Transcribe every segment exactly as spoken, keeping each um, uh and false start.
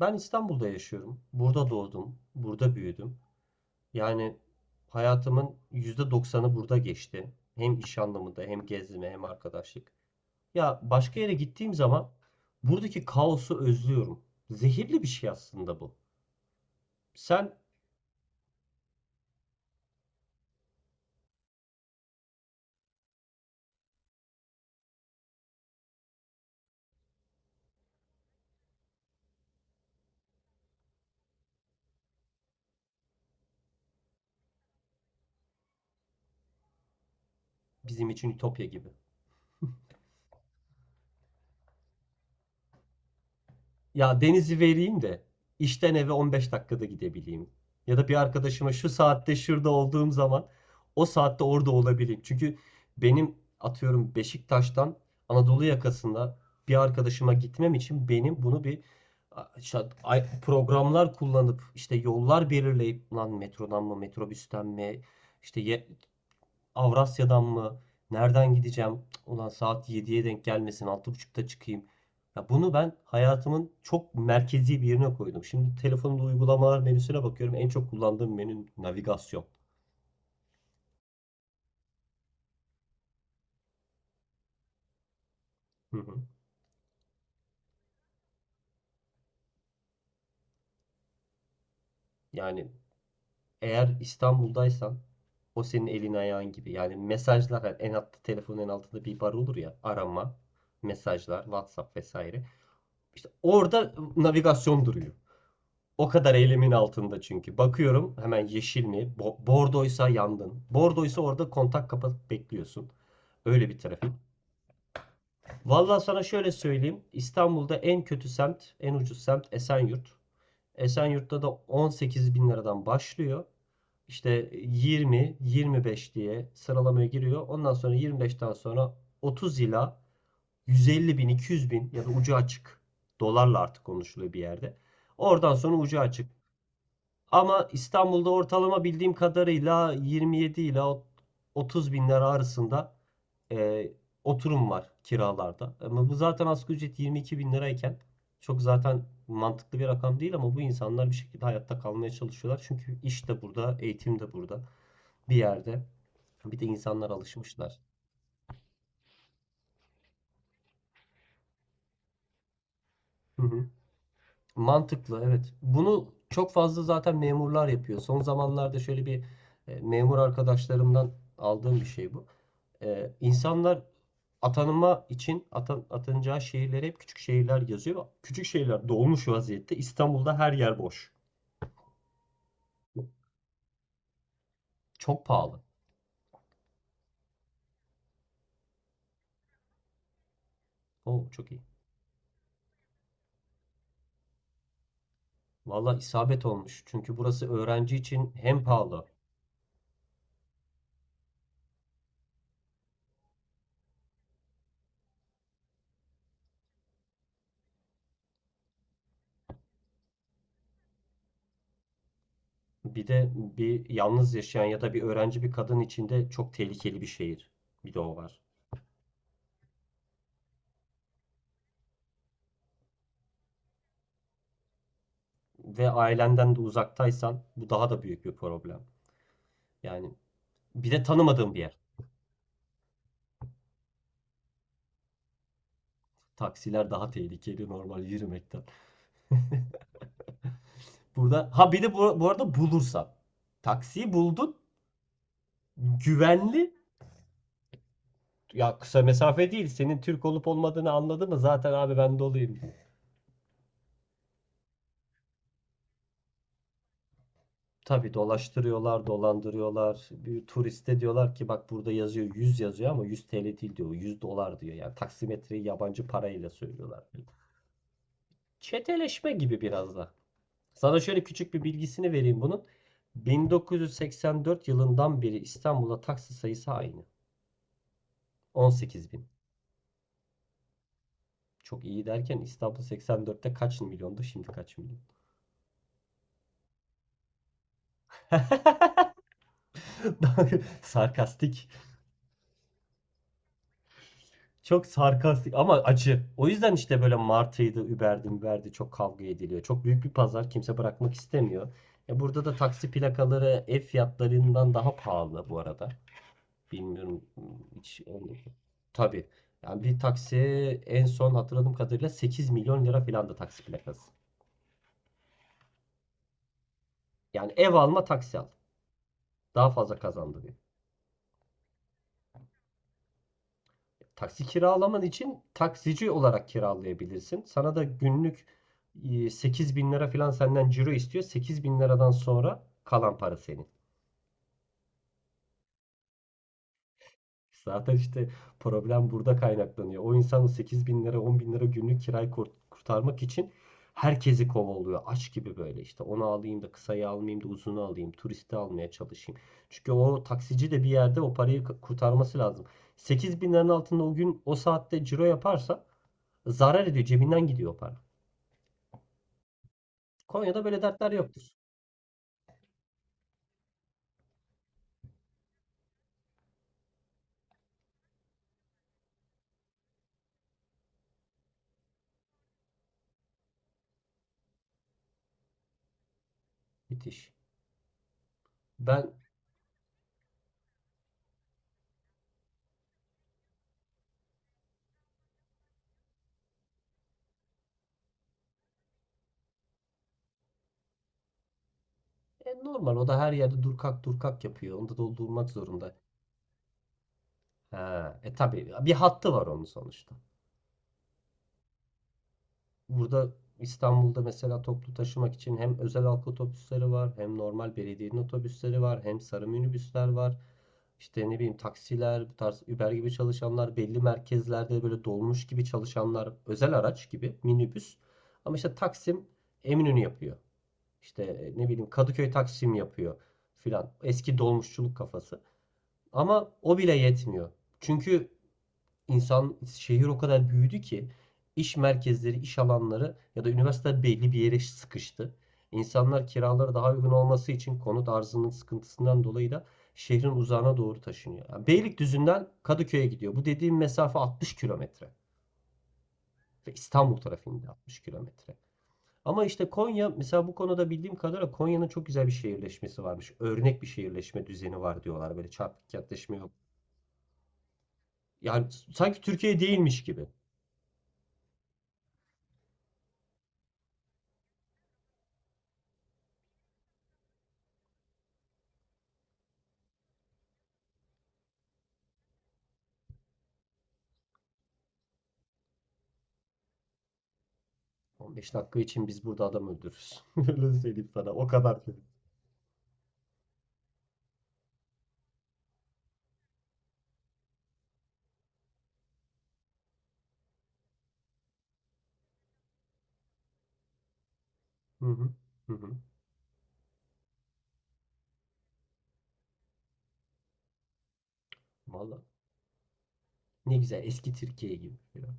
Ben İstanbul'da yaşıyorum. Burada doğdum, burada büyüdüm. Yani hayatımın yüzde doksanı burada geçti. Hem iş anlamında, hem gezme, hem arkadaşlık. Ya başka yere gittiğim zaman buradaki kaosu özlüyorum. Zehirli bir şey aslında bu. Sen Bizim için ütopya gibi. Ya denizi vereyim de işten eve on beş dakikada gidebileyim. Ya da bir arkadaşıma şu saatte şurada olduğum zaman o saatte orada olabileyim. Çünkü benim atıyorum Beşiktaş'tan Anadolu yakasında bir arkadaşıma gitmem için benim bunu bir işte ay- programlar kullanıp işte yollar belirleyip lan metrodan mı metrobüsten mi işte ye- Avrasya'dan mı? Nereden gideceğim? Ulan saat yediye denk gelmesin. Altı buçukta çıkayım. Ya bunu ben hayatımın çok merkezi bir yerine koydum. Şimdi telefonumda uygulamalar menüsüne bakıyorum. En çok kullandığım menü navigasyon. Hı hı. Yani eğer İstanbul'daysan o senin elin ayağın gibi. Yani mesajlar, hani en altta, telefonun en altında bir bar olur ya, arama, mesajlar, WhatsApp vesaire. İşte orada navigasyon duruyor. O kadar elimin altında çünkü. Bakıyorum hemen: yeşil mi? Bo- bordoysa yandın. Bordoysa orada kontak kapatıp bekliyorsun. Öyle bir trafik. Vallahi sana şöyle söyleyeyim, İstanbul'da en kötü semt, en ucuz semt Esenyurt. Esenyurt'ta da on sekiz bin liradan başlıyor. İşte yirmi, yirmi beş diye sıralamaya giriyor. Ondan sonra yirmi beşten sonra otuz ila yüz elli bin, iki yüz bin ya da ucu açık, dolarla artık konuşuluyor bir yerde. Oradan sonra ucu açık. Ama İstanbul'da ortalama, bildiğim kadarıyla, yirmi yedi ile otuz binler arasında e, oturum var kiralarda. Ama bu zaten, asgari ücret yirmi iki bin lirayken, çok zaten mantıklı bir rakam değil, ama bu insanlar bir şekilde hayatta kalmaya çalışıyorlar. Çünkü iş de burada, eğitim de burada bir yerde. Bir de insanlar alışmışlar. Hı hı. Mantıklı, evet. Bunu çok fazla zaten memurlar yapıyor. Son zamanlarda şöyle bir e, memur arkadaşlarımdan aldığım bir şey bu. Ee, insanlar atanma için atan, atanacağı şehirlere hep küçük şehirler yazıyor. Küçük şehirler dolmuş vaziyette. İstanbul'da her yer boş. Çok pahalı. O çok iyi. Valla isabet olmuş. Çünkü burası öğrenci için hem pahalı, bir de bir yalnız yaşayan ya da bir öğrenci bir kadın için de çok tehlikeli bir şehir. Bir de o var. Ve ailenden de uzaktaysan, bu daha da büyük bir problem. Yani bir de tanımadığın bir yer. Taksiler daha tehlikeli normal yürümekten. Burada ha, bir de bu, bu arada bulursan. Taksiyi buldun. Güvenli. Ya kısa mesafe değil, senin Türk olup olmadığını anladı mı? Zaten abi, ben dolayım. Tabii dolaştırıyorlar, dolandırıyorlar. Bir turiste diyorlar ki, bak burada yazıyor, yüz yazıyor ama yüz T L değil diyor. Yüz dolar diyor. Yani taksimetreyi yabancı parayla söylüyorlar. Çeteleşme gibi biraz da. Sana şöyle küçük bir bilgisini vereyim bunun. bin dokuz yüz seksen dört yılından beri İstanbul'da taksi sayısı aynı. on sekiz bin. Çok iyi derken, İstanbul seksen dörtte kaç milyondu, şimdi kaç milyon? Sarkastik. Çok sarkastik ama acı. O yüzden işte böyle Martı'ydı, Uber'di, Uber'di çok kavga ediliyor. Çok büyük bir pazar, kimse bırakmak istemiyor. E burada da taksi plakaları ev fiyatlarından daha pahalı bu arada. Bilmiyorum hmm, hiç. Tabii. Yani bir taksi, en son hatırladığım kadarıyla, sekiz milyon lira falan da taksi plakası. Yani ev alma, taksi al. Daha fazla kazandırıyor. Taksi kiralaman için taksici olarak kiralayabilirsin. Sana da günlük sekiz bin lira falan senden ciro istiyor. sekiz bin liradan sonra kalan para senin. Zaten işte problem burada kaynaklanıyor. O insan, o sekiz bin lira, on bin lira günlük kirayı kurt- kurtarmak için herkesi kovalıyor. Aç gibi böyle, işte onu alayım da kısayı almayayım da uzunu alayım, turisti almaya çalışayım. Çünkü o taksici de bir yerde o parayı k- kurtarması lazım. sekiz bin liranın altında o gün o saatte ciro yaparsa zarar ediyor. Cebinden gidiyor o para. Konya'da böyle dertler yoktur. Müthiş. Ben e, Normal, o da her yerde dur kalk dur kalk yapıyor. Onda da durmak zorunda. Ha, e tabii bir hattı var onun sonuçta. Burada, İstanbul'da mesela, toplu taşımak için hem özel halk otobüsleri var, hem normal belediyenin otobüsleri var, hem sarı minibüsler var. İşte ne bileyim, taksiler, bu tarz Uber gibi çalışanlar, belli merkezlerde böyle dolmuş gibi çalışanlar, özel araç gibi minibüs. Ama işte Taksim Eminönü yapıyor. İşte e, ne bileyim Kadıköy Taksim yapıyor filan. Eski dolmuşçuluk kafası. Ama o bile yetmiyor. Çünkü insan, şehir o kadar büyüdü ki, iş merkezleri, iş alanları ya da üniversiteler belli bir yere sıkıştı. İnsanlar kiraları daha uygun olması için, konut arzının sıkıntısından dolayı da, şehrin uzağına doğru taşınıyor. Yani Beylikdüzü'nden Kadıköy'e gidiyor. Bu dediğim mesafe altmış kilometre ve İstanbul trafiğinde altmış kilometre. Ama işte Konya mesela, bu konuda bildiğim kadarıyla Konya'nın çok güzel bir şehirleşmesi varmış. Örnek bir şehirleşme düzeni var diyorlar. Böyle çarpık yaklaşımı yok. Yani sanki Türkiye değilmiş gibi. on beş dakika için biz burada adam öldürürüz. Öyle söyleyeyim sana. O kadar kötü. Hı hı. Hı hı. Valla. Ne güzel, eski Türkiye gibi. Ya.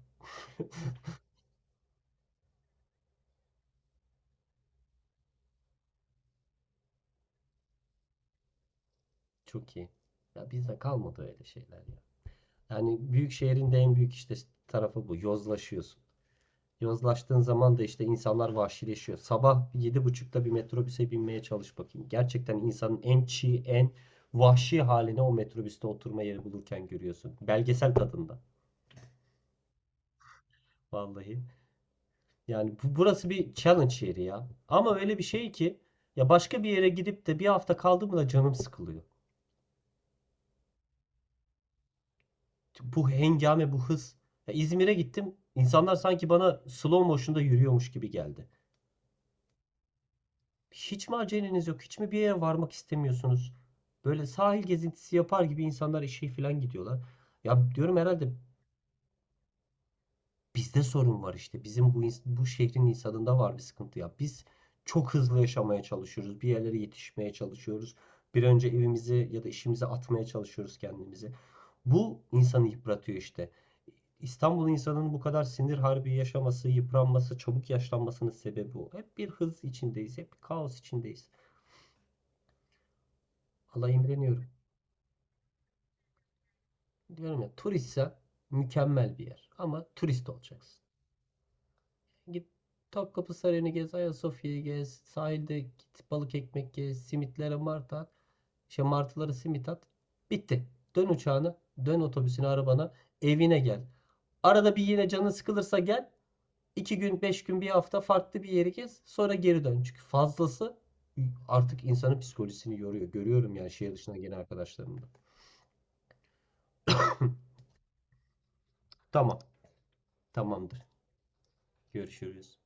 Çok iyi. Ya bizde kalmadı öyle şeyler ya. Yani büyük şehrin de en büyük işte tarafı bu: yozlaşıyorsun. Yozlaştığın zaman da işte insanlar vahşileşiyor. Sabah yedi buçukta bir metrobüse binmeye çalış bakayım. Gerçekten insanın en çiğ, en vahşi haline o metrobüste oturma yeri bulurken görüyorsun. Belgesel tadında. Vallahi. Yani bu, burası bir challenge yeri ya. Ama öyle bir şey ki, ya başka bir yere gidip de bir hafta kaldım mı da canım sıkılıyor. Bu hengame, bu hız. Ya İzmir'e gittim. İnsanlar sanki bana slow motion'da yürüyormuş gibi geldi. Hiç mi aceleniz yok? Hiç mi bir yere varmak istemiyorsunuz? Böyle sahil gezintisi yapar gibi insanlar işe falan gidiyorlar. Ya diyorum, herhalde bizde sorun var işte. Bizim bu ins- bu şehrin insanında var bir sıkıntı ya. Biz çok hızlı yaşamaya çalışıyoruz. Bir yerlere yetişmeye çalışıyoruz. Bir önce evimizi ya da işimizi atmaya çalışıyoruz kendimizi. Bu insanı yıpratıyor işte. İstanbul insanının bu kadar sinir harbi yaşaması, yıpranması, çabuk yaşlanmasının sebebi o. Hep bir hız içindeyiz, hep bir kaos içindeyiz. Allah'a imreniyorum. Diyorum ya, turistsen mükemmel bir yer, ama turist olacaksın. Git Topkapı Sarayı'nı gez, Ayasofya'yı gez, sahilde git balık ekmek gez, simitlere mart at, şey martılara simit at. Bitti. Dön uçağına, dön otobüsüne, arabana, evine gel. Arada bir yine canın sıkılırsa gel. İki gün, beş gün, bir hafta farklı bir yeri gez. Sonra geri dön. Çünkü fazlası artık insanın psikolojisini yoruyor. Görüyorum yani şehir dışına gelen arkadaşlarımda. Tamam, tamamdır. Görüşürüz.